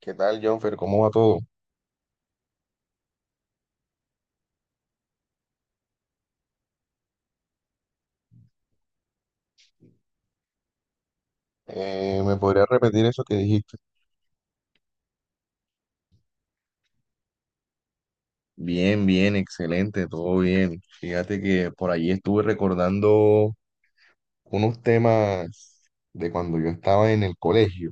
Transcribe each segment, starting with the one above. ¿Qué tal, Jonfer? ¿Cómo va todo? ¿Me podrías repetir eso que dijiste? Bien, bien, excelente, todo bien. Fíjate que por allí estuve recordando unos temas de cuando yo estaba en el colegio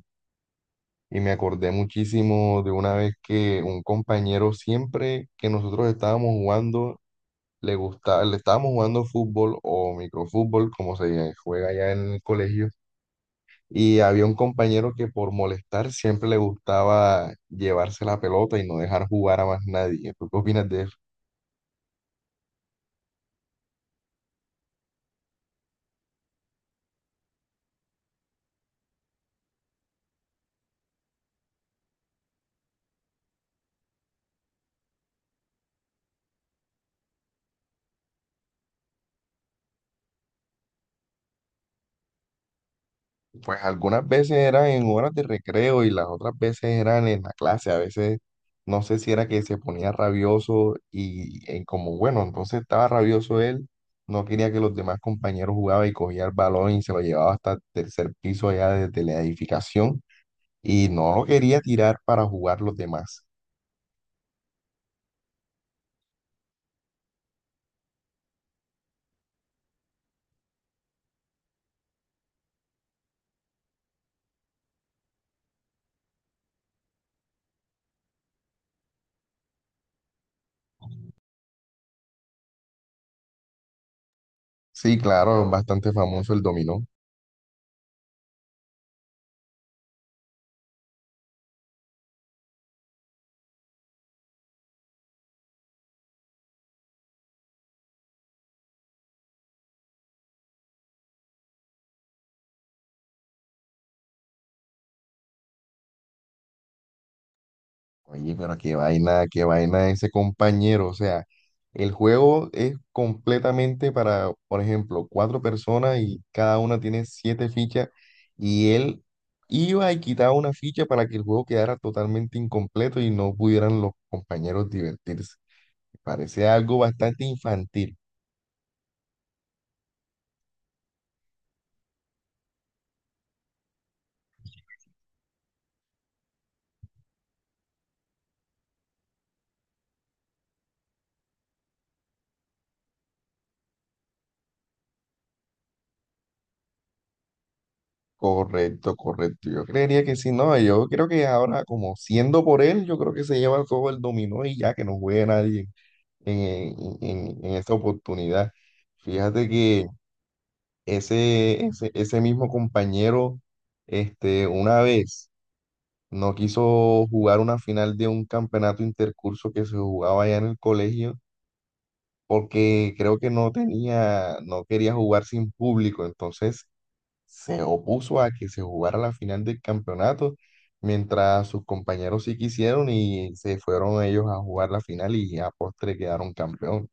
y me acordé muchísimo de una vez que un compañero siempre que nosotros estábamos jugando, le gustaba, le estábamos jugando fútbol o microfútbol, como se juega allá en el colegio. Y había un compañero que por molestar siempre le gustaba llevarse la pelota y no dejar jugar a más nadie. ¿Tú qué opinas de eso? Pues algunas veces eran en horas de recreo y las otras veces eran en la clase. A veces no sé si era que se ponía rabioso y, en como, bueno, entonces estaba rabioso él, no quería que los demás compañeros jugaban y cogía el balón y se lo llevaba hasta el tercer piso allá desde la edificación y no lo quería tirar para jugar los demás. Sí, claro, bastante famoso el dominó. Oye, pero qué vaina ese compañero. O sea, el juego es completamente para, por ejemplo, cuatro personas y cada una tiene siete fichas y él iba y quitaba una ficha para que el juego quedara totalmente incompleto y no pudieran los compañeros divertirse. Parece algo bastante infantil. Correcto, correcto. Yo creería que sí, no, yo creo que ahora como siendo por él, yo creo que se lleva todo el dominó y ya que no juegue nadie en esta oportunidad. Fíjate que ese mismo compañero, este, una vez no quiso jugar una final de un campeonato intercurso que se jugaba allá en el colegio, porque creo que no tenía, no quería jugar sin público, entonces se opuso a que se jugara la final del campeonato, mientras sus compañeros sí quisieron y se fueron ellos a jugar la final y a postre quedaron campeón.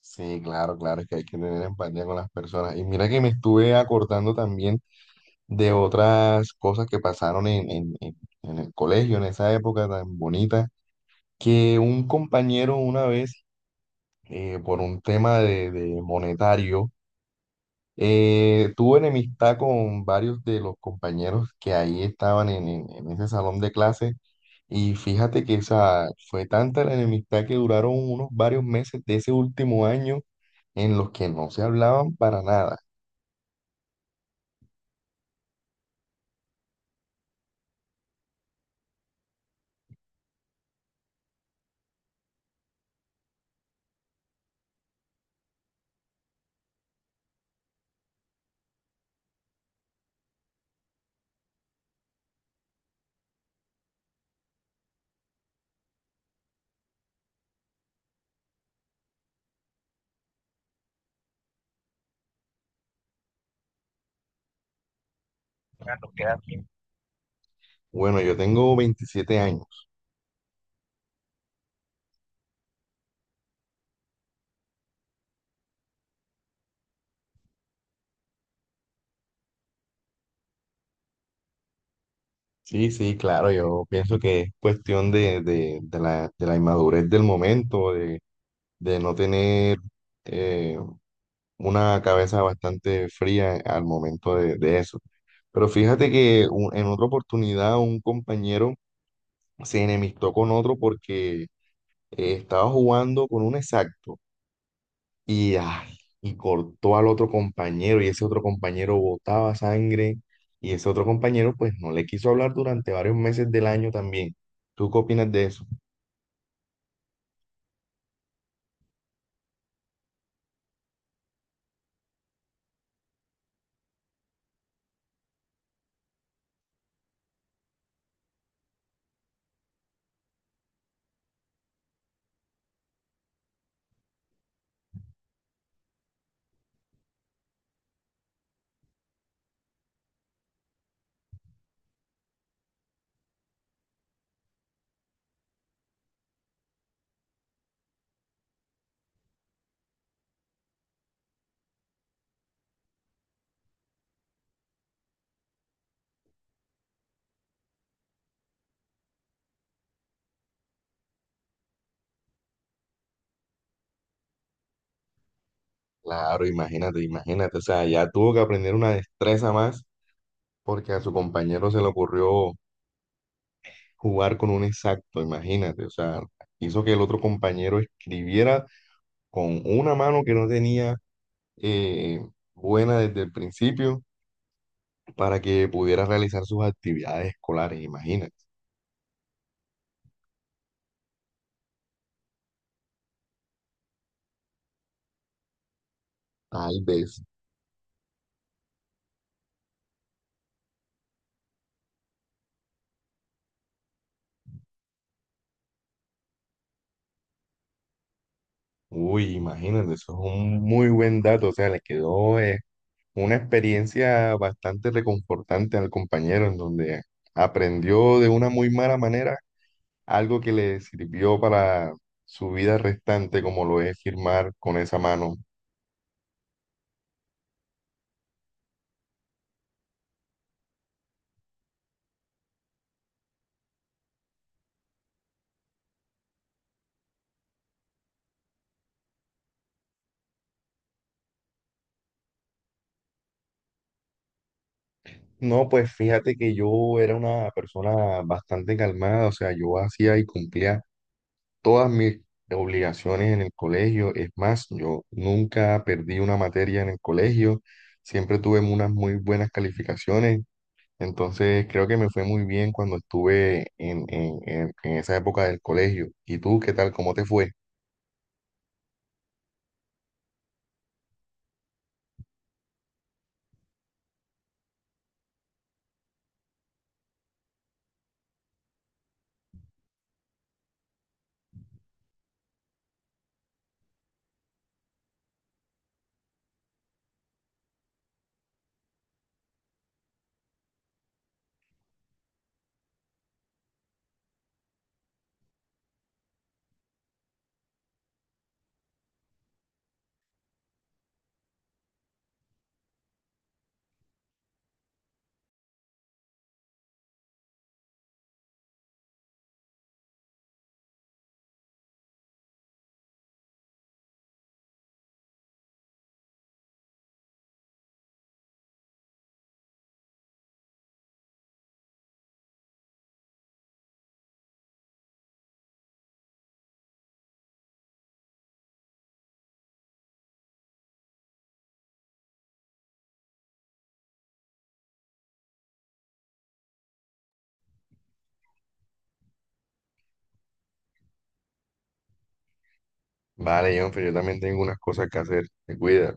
Sí, claro, claro, es que hay que tener empatía con las personas. Y mira que me estuve acordando también de otras cosas que pasaron en el colegio, en esa época tan bonita, que un compañero una vez, por un tema de monetario, tuve enemistad con varios de los compañeros que ahí estaban en ese salón de clase y fíjate que esa fue tanta la enemistad que duraron unos varios meses de ese último año en los que no se hablaban para nada. Bueno, yo tengo 27 años. Sí, sí, claro, yo pienso que es cuestión de, de la inmadurez del momento, de no tener, eh, una cabeza bastante fría al momento de eso. Pero fíjate que en otra oportunidad un compañero se enemistó con otro porque estaba jugando con un exacto y, ay, y cortó al otro compañero y ese otro compañero botaba sangre y ese otro compañero pues no le quiso hablar durante varios meses del año también. ¿Tú qué opinas de eso? Claro, imagínate, imagínate, o sea, ya tuvo que aprender una destreza más porque a su compañero se le ocurrió jugar con un exacto, imagínate, o sea, hizo que el otro compañero escribiera con una mano que no tenía eh, buena desde el principio para que pudiera realizar sus actividades escolares, imagínate, tal vez, uy, imagínate, eso es un muy buen dato, o sea, le quedó una experiencia bastante reconfortante al compañero en donde aprendió de una muy mala manera algo que le sirvió para su vida restante, como lo es firmar con esa mano. No, pues fíjate que yo era una persona bastante calmada, o sea, yo hacía y cumplía todas mis obligaciones en el colegio. Es más, yo nunca perdí una materia en el colegio, siempre tuve unas muy buenas calificaciones, entonces creo que me fue muy bien cuando estuve en esa época del colegio. ¿Y tú qué tal? ¿Cómo te fue? Vale, Jonfer, yo también tengo unas cosas que hacer. Te cuidas.